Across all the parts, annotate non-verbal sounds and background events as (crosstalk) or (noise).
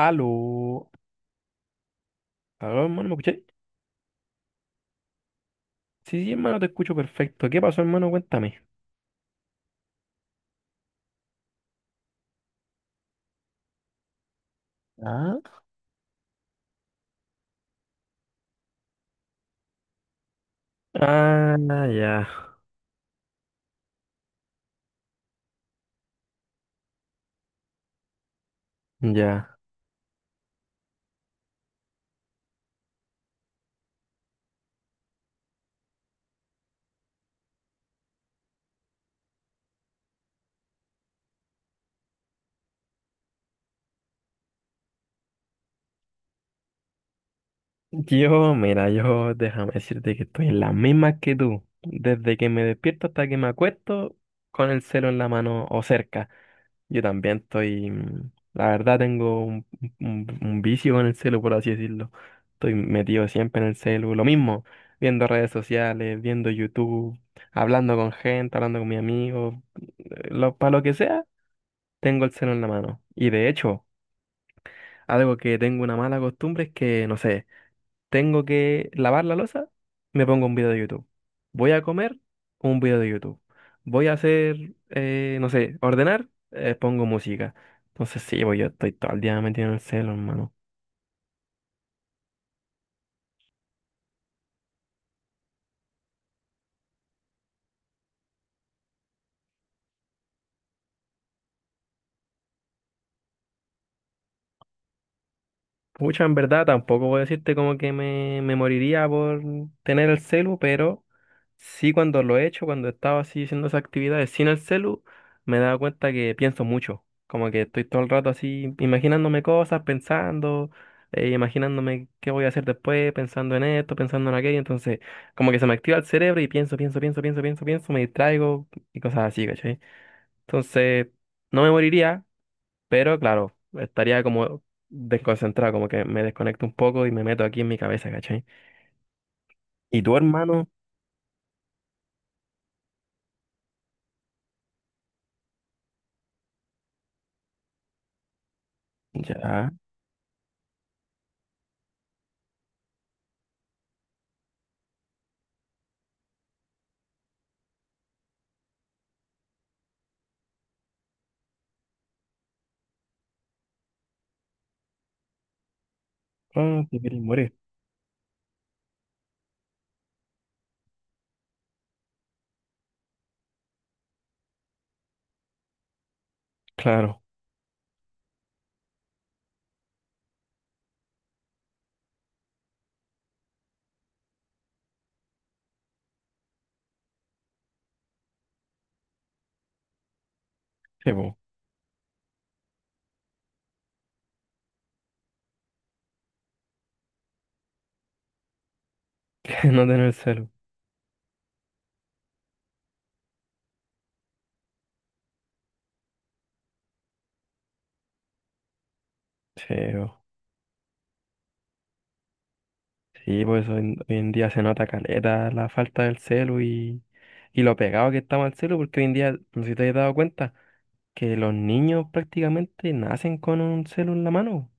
Aló. Aló, hermano, ¿me escucháis? Sí, sí, hermano, te escucho perfecto. ¿Qué pasó, hermano? Cuéntame. Ah, ah, ya, ya. Yo, mira, yo déjame decirte que estoy en la misma que tú. Desde que me despierto hasta que me acuesto, con el celo en la mano o cerca. Yo también estoy, la verdad tengo un vicio con el celu, por así decirlo. Estoy metido siempre en el celu, lo mismo, viendo redes sociales, viendo YouTube, hablando con gente, hablando con mis amigos, para lo que sea, tengo el celu en la mano. Y de hecho, algo que tengo una mala costumbre es que, no sé, tengo que lavar la losa, me pongo un video de YouTube. Voy a comer, un video de YouTube. Voy a hacer, no sé, ordenar, pongo música. Entonces sí, pues yo estoy todo el día metido en el celo, hermano. Pucha, en verdad tampoco voy a decirte como que me moriría por tener el celu, pero sí, cuando lo he hecho, cuando estaba así haciendo esas actividades sin el celu, me daba cuenta que pienso mucho. Como que estoy todo el rato así imaginándome cosas, pensando, imaginándome qué voy a hacer después, pensando en esto, pensando en aquello. Entonces, como que se me activa el cerebro y pienso, pienso, pienso, pienso, pienso, pienso, me distraigo y cosas así, ¿cachai? Entonces, no me moriría, pero claro, estaría como desconcentrado, como que me desconecto un poco y me meto aquí en mi cabeza, ¿cachai? ¿Y tu hermano? Ya. Ah, te quieres morir. Claro. Sí, po, (laughs) que no tener celu. Sí, po. Sí, por eso hoy, hoy en día se nota caleta la falta del celu y lo pegado que estamos al celu, porque hoy en día, no sé si te has dado cuenta, que los niños prácticamente nacen con un celu en la mano.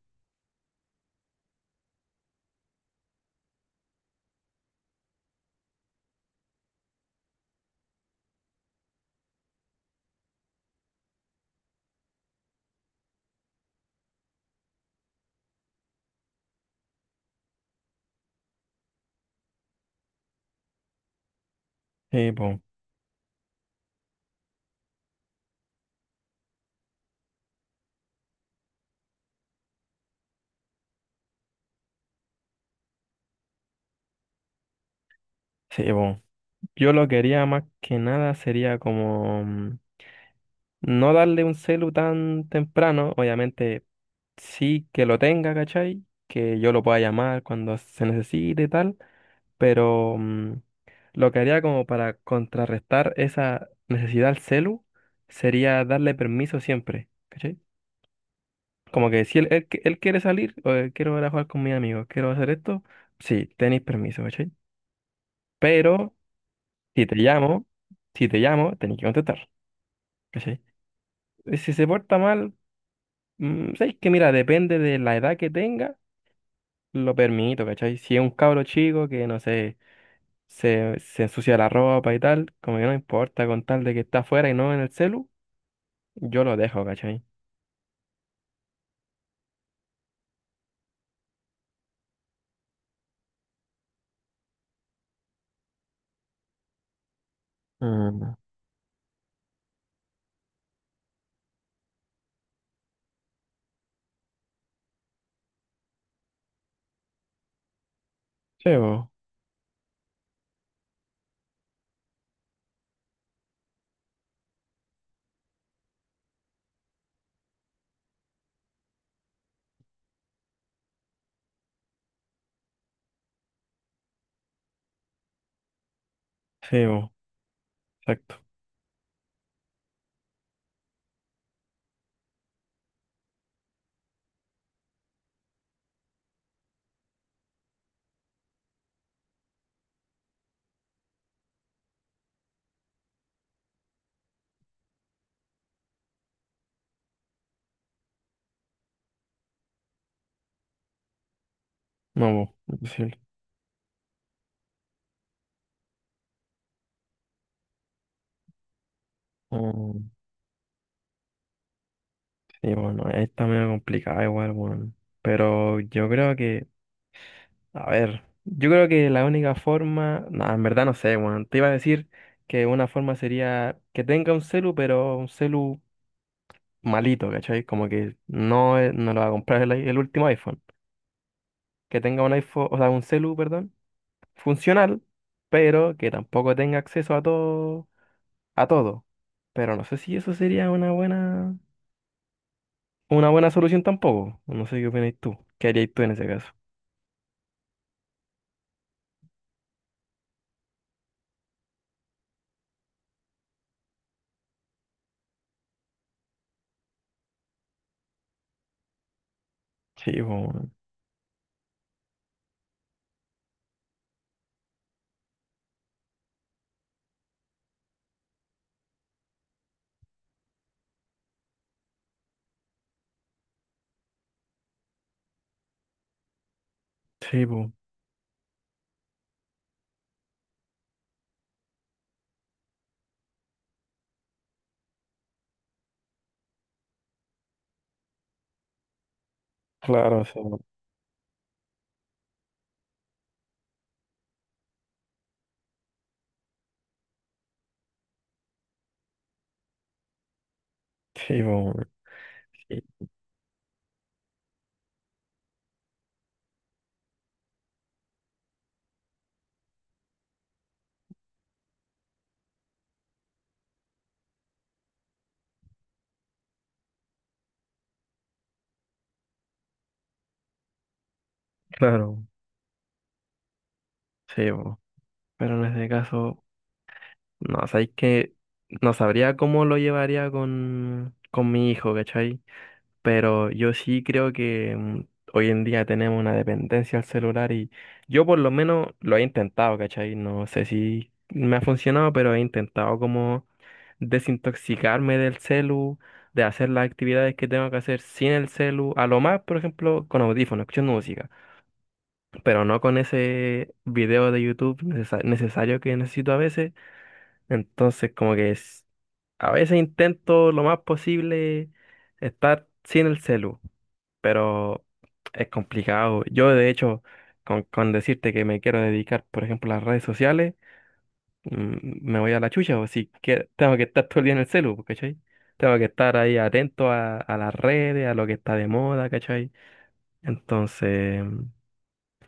Sí, po. Sí, po. Yo lo quería más que nada sería como no darle un celu tan temprano, obviamente sí que lo tenga, ¿cachai? Que yo lo pueda llamar cuando se necesite y tal, pero lo que haría como para contrarrestar esa necesidad al celu sería darle permiso siempre, ¿cachai? Como que si él quiere salir, o quiero ir a jugar con mis amigos, quiero hacer esto, sí, tenéis permiso, ¿cachai? Pero si te llamo, si te llamo, tenéis que contestar, ¿cachai? Y si se porta mal, ¿sabes que Mira, depende de la edad que tenga, lo permito, ¿cachai? Si es un cabro chico que, no sé, se ensucia la ropa y tal, como que no importa, con tal de que está afuera y no en el celu, yo lo dejo, ¿cachai? Mm, sí, bo, sí, bo, exacto. No, bo, imposible. Mm, Sí, bueno, está medio complicada igual, bueno. Pero yo creo que, a ver, yo creo que la única forma, no, en verdad no sé, bueno, te iba a decir que una forma sería que tenga un celu, pero un celu malito, ¿cachai? Como que no, es- no lo va a comprar el, i- el último iPhone. Que tenga un iPhone, o sea, un celu, perdón, funcional, pero que tampoco tenga acceso a todo, a todo. Pero no sé si eso sería una buena solución tampoco. No sé qué opinas tú. ¿Qué harías tú en ese caso? Sí, po, sí, po, claro, sí, sí, po, sí, claro, sí, po. Pero en ese caso, no, sabéis que no sabría cómo lo llevaría con mi hijo, ¿cachai? Pero yo sí creo que hoy en día tenemos una dependencia al celular y yo por lo menos lo he intentado, ¿cachai? No sé si me ha funcionado, pero he intentado como desintoxicarme del celu, de hacer las actividades que tengo que hacer sin el celu, a lo más, por ejemplo, con audífonos, escuchando música, pero no con ese video de YouTube necesa- necesario que necesito a veces. Entonces, como que es- a veces intento lo más posible estar sin el celu, pero es complicado. Yo, de hecho, con decirte que me quiero dedicar, por ejemplo, a las redes sociales, me voy a la chucha, o si que tengo que estar todo el día en el celu, pues, ¿cachai? Tengo que estar ahí atento a las redes, a lo que está de moda, ¿cachai? Entonces,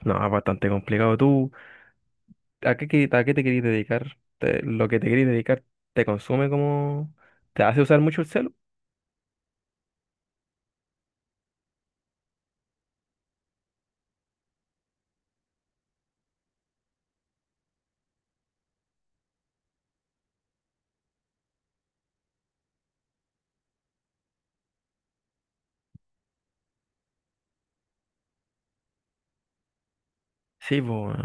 no, es bastante complicado. ¿Tú a qué, que- a qué te querís dedicar? Te- ¿lo que te querís dedicar te consume como... ¿Te hace usar mucho el celu? Sí, pues,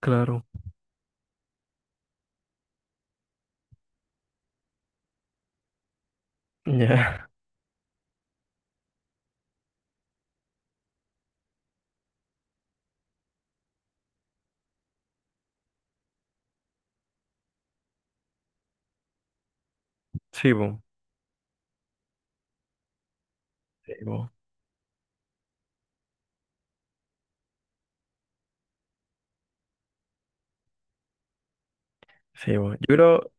claro. Ya, (laughs) sí, pues. Sí, pues. Sí, po. Yo creo.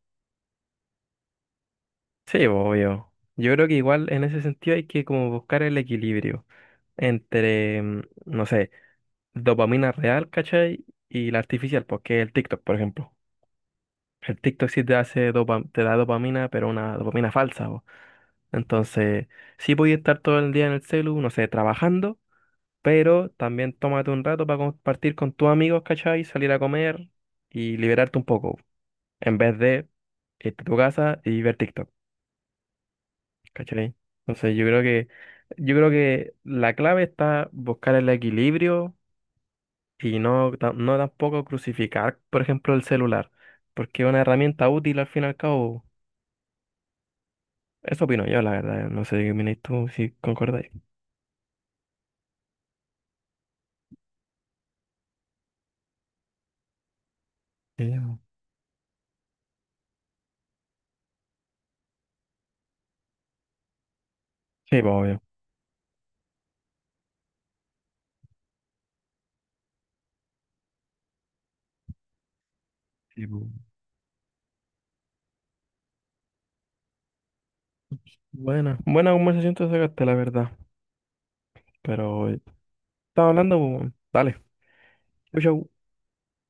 Sí, obvio. Yo creo que igual en ese sentido hay que como buscar el equilibrio entre, no sé, dopamina real, ¿cachai? Y la artificial, porque el TikTok, por ejemplo. El TikTok sí te hace dopa- te da dopamina, pero una dopamina falsa, po. Entonces, sí podía estar todo el día en el celu, no sé, trabajando, pero también tómate un rato para compartir con tus amigos, ¿cachai? Salir a comer y liberarte un poco, en vez de irte a tu casa y ver TikTok. ¿Cachai? Entonces yo creo que la clave está buscar el equilibrio y no, ta- no tampoco crucificar, por ejemplo, el celular, porque es una herramienta útil al fin y al cabo. Eso opino yo, la verdad. No sé qué opináis tú, si concordáis. Sí, po. Sí, pues obvio. Sí, po. Buena, buena conversación te sacaste, la verdad. Pero estaba hablando, pues, bueno, dale. Chau, chau.